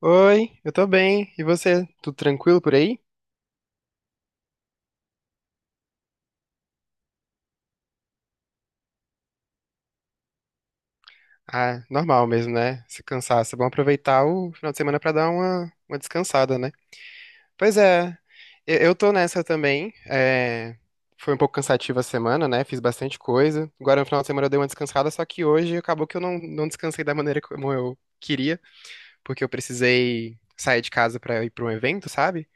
Oi, eu tô bem. E você? Tudo tranquilo por aí? Ah, normal mesmo, né? Se cansaço. É bom aproveitar o final de semana pra dar uma descansada, né? Pois é, eu tô nessa também. Foi um pouco cansativa a semana, né? Fiz bastante coisa. Agora no final de semana eu dei uma descansada, só que hoje acabou que eu não descansei da maneira como eu queria, porque eu precisei sair de casa pra ir pra um evento, sabe?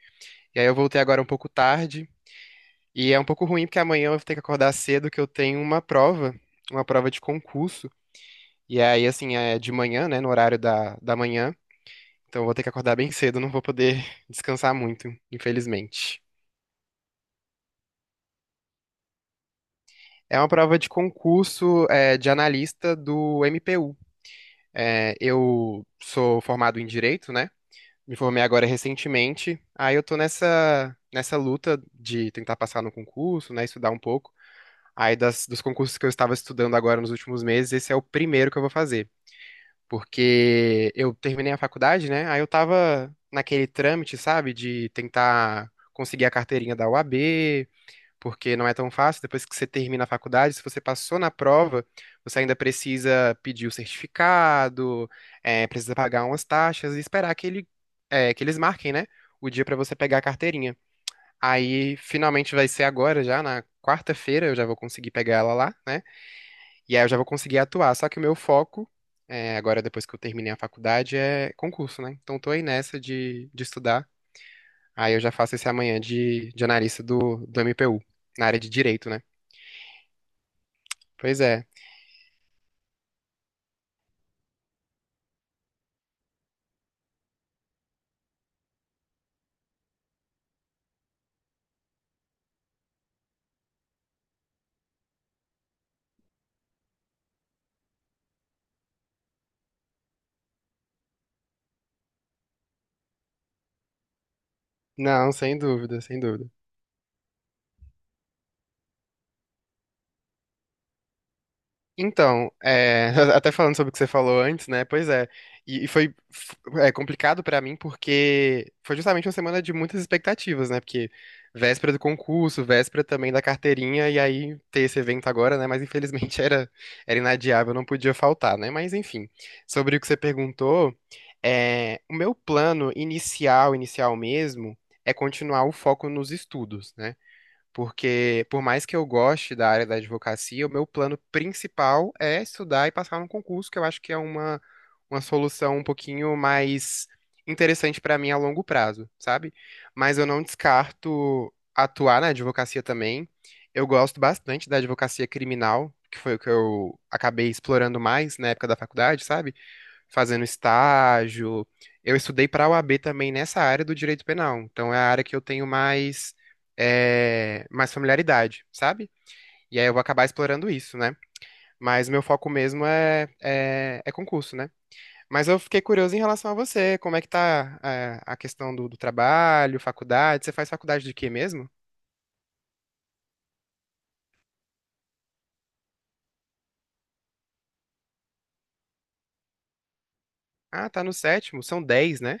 E aí eu voltei agora um pouco tarde. E é um pouco ruim porque amanhã eu vou ter que acordar cedo que eu tenho uma prova de concurso. E aí, assim, é de manhã, né, no horário da manhã. Então eu vou ter que acordar bem cedo, não vou poder descansar muito, infelizmente. É uma prova de concurso, é, de analista do MPU. É, eu sou formado em Direito, né? Me formei agora recentemente. Aí eu tô nessa luta de tentar passar no concurso, né, estudar um pouco. Aí dos concursos que eu estava estudando agora nos últimos meses, esse é o primeiro que eu vou fazer. Porque eu terminei a faculdade, né? Aí eu tava naquele trâmite, sabe, de tentar conseguir a carteirinha da UAB, porque não é tão fácil. Depois que você termina a faculdade, se você passou na prova, você ainda precisa pedir o certificado, precisa pagar umas taxas e esperar que ele, que eles marquem, né? O dia pra você pegar a carteirinha. Aí finalmente vai ser agora já, na quarta-feira eu já vou conseguir pegar ela lá, né? E aí eu já vou conseguir atuar. Só que o meu foco, é, agora depois que eu terminei a faculdade, é concurso, né? Então tô aí nessa de estudar. Aí eu já faço esse amanhã de analista do MPU, na área de direito, né? Pois é. Não, sem dúvida, sem dúvida. Então, é, até falando sobre o que você falou antes, né? Pois é. E foi é, complicado pra mim porque foi justamente uma semana de muitas expectativas, né? Porque véspera do concurso, véspera também da carteirinha, e aí ter esse evento agora, né? Mas infelizmente era, era inadiável, não podia faltar, né? Mas enfim, sobre o que você perguntou, é, o meu plano inicial, inicial mesmo, é continuar o foco nos estudos, né? Porque, por mais que eu goste da área da advocacia, o meu plano principal é estudar e passar num concurso, que eu acho que é uma solução um pouquinho mais interessante para mim a longo prazo, sabe? Mas eu não descarto atuar na advocacia também. Eu gosto bastante da advocacia criminal, que foi o que eu acabei explorando mais na época da faculdade, sabe? Fazendo estágio. Eu estudei para a OAB também nessa área do direito penal, então é a área que eu tenho mais, é, mais familiaridade, sabe? E aí eu vou acabar explorando isso, né? Mas meu foco mesmo é concurso, né? Mas eu fiquei curioso em relação a você, como é que tá, é, a questão do trabalho, faculdade? Você faz faculdade de quê mesmo? Ah, tá no sétimo, são dez, né?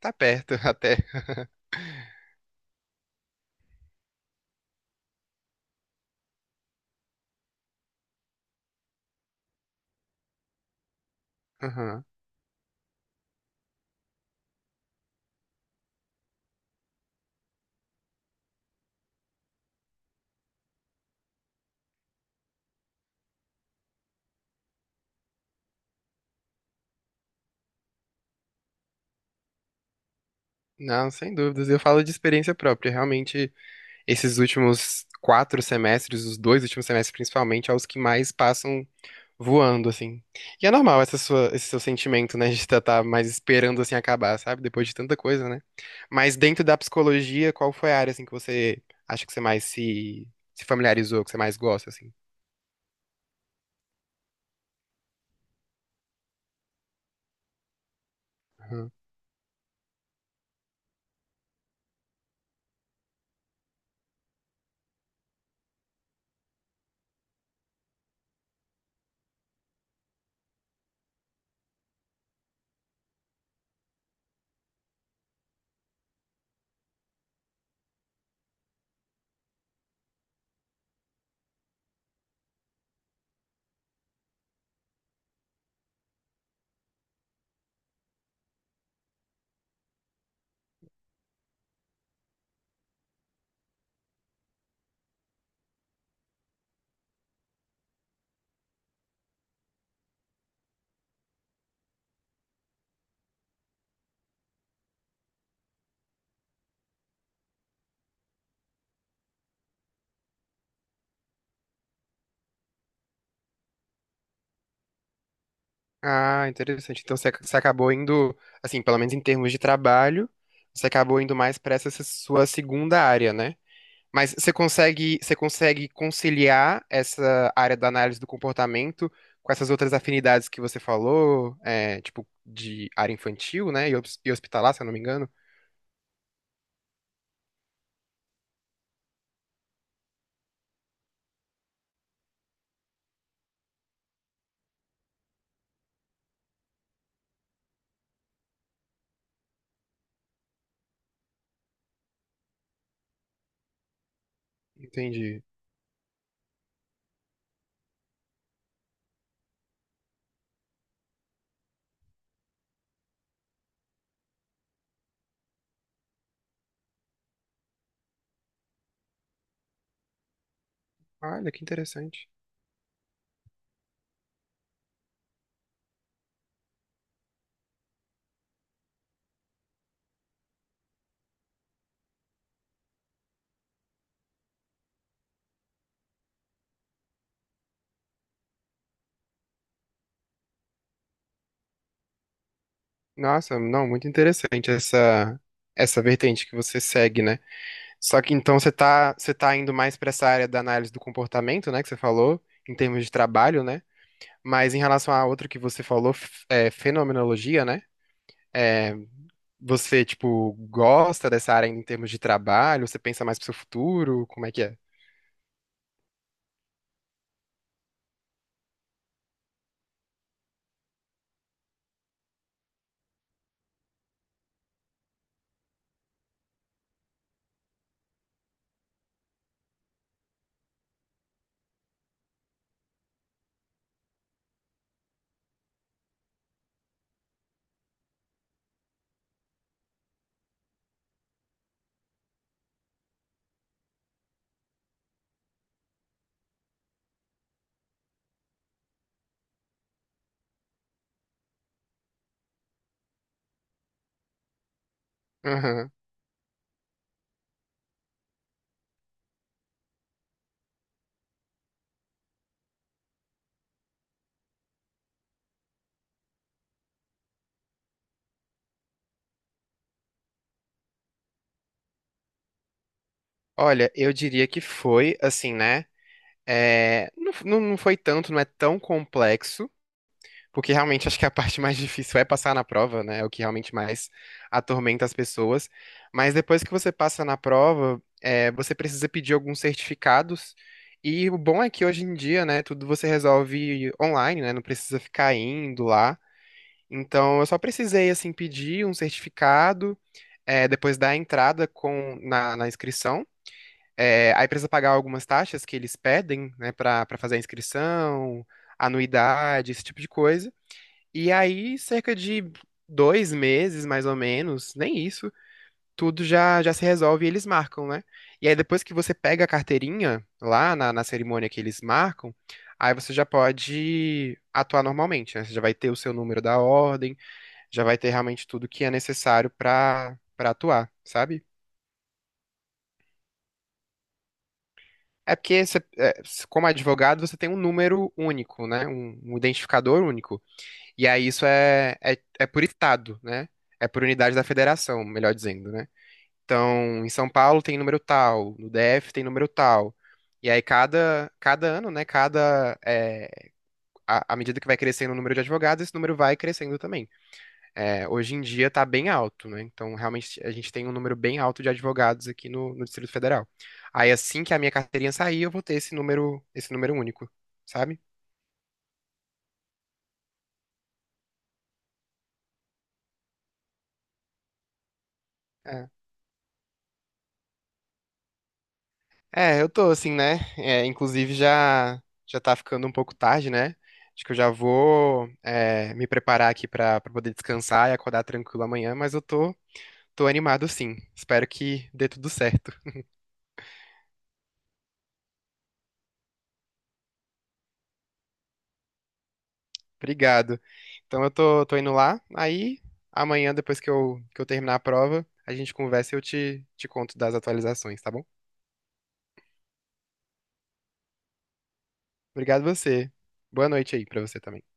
Tá perto até. Aham. Não, sem dúvidas. Eu falo de experiência própria. Realmente, esses últimos quatro semestres, os dois últimos semestres principalmente, é os que mais passam voando, assim. E é normal essa esse seu sentimento, né, de estar tá mais esperando, assim, acabar, sabe? Depois de tanta coisa, né? Mas dentro da psicologia, qual foi a área, assim, que você acha que você mais se familiarizou, que você mais gosta, assim? Aham. Ah, interessante. Então você, você acabou indo, assim, pelo menos em termos de trabalho, você acabou indo mais para essa sua segunda área, né? Mas você consegue conciliar essa área da análise do comportamento com essas outras afinidades que você falou, é, tipo, de área infantil, né? E e hospitalar, se eu não me engano. Entendi. Olha, que interessante. Nossa, não, muito interessante essa vertente que você segue, né? Só que então você tá indo mais para essa área da análise do comportamento, né, que você falou, em termos de trabalho, né? Mas em relação à outra que você falou, é, fenomenologia, né? É, você, tipo, gosta dessa área ainda em termos de trabalho? Você pensa mais pro seu futuro? Como é que é? Aham. Olha, eu diria que foi, assim, né? É, não, não foi tanto, não é tão complexo, porque realmente acho que a parte mais difícil é passar na prova, né? É o que realmente mais atormenta as pessoas. Mas depois que você passa na prova, é, você precisa pedir alguns certificados. E o bom é que hoje em dia, né, tudo você resolve online, né? Não precisa ficar indo lá. Então, eu só precisei, assim, pedir um certificado, é, depois da entrada na inscrição. É, aí precisa pagar algumas taxas que eles pedem, né, para fazer a inscrição, anuidade, esse tipo de coisa. E aí, cerca de dois meses, mais ou menos, nem isso, tudo já se resolve e eles marcam, né? E aí, depois que você pega a carteirinha lá na cerimônia que eles marcam, aí você já pode atuar normalmente, né? Você já vai ter o seu número da ordem já vai ter realmente tudo que é necessário para atuar, sabe? É porque, é, como advogado, você tem um número único, né? Um identificador único. E aí isso é por estado, né? É por unidade da federação, melhor dizendo, né? Então, em São Paulo tem número tal, no DF tem número tal. E aí cada ano, né? Cada, é, à medida que vai crescendo o número de advogados, esse número vai crescendo também. É, hoje em dia está bem alto, né? Então, realmente, a gente tem um número bem alto de advogados aqui no, no Distrito Federal. Aí, assim que a minha carteirinha sair, eu vou ter esse número único, sabe? É, é, eu tô assim, né? É, inclusive, já tá ficando um pouco tarde, né? Acho que eu já vou é, me preparar aqui para poder descansar e acordar tranquilo amanhã, mas eu tô, tô animado sim. Espero que dê tudo certo. Obrigado. Então eu tô, tô indo lá. Aí amanhã, depois que eu terminar a prova, a gente conversa e eu te conto das atualizações, tá bom? Obrigado você. Boa noite aí pra você também.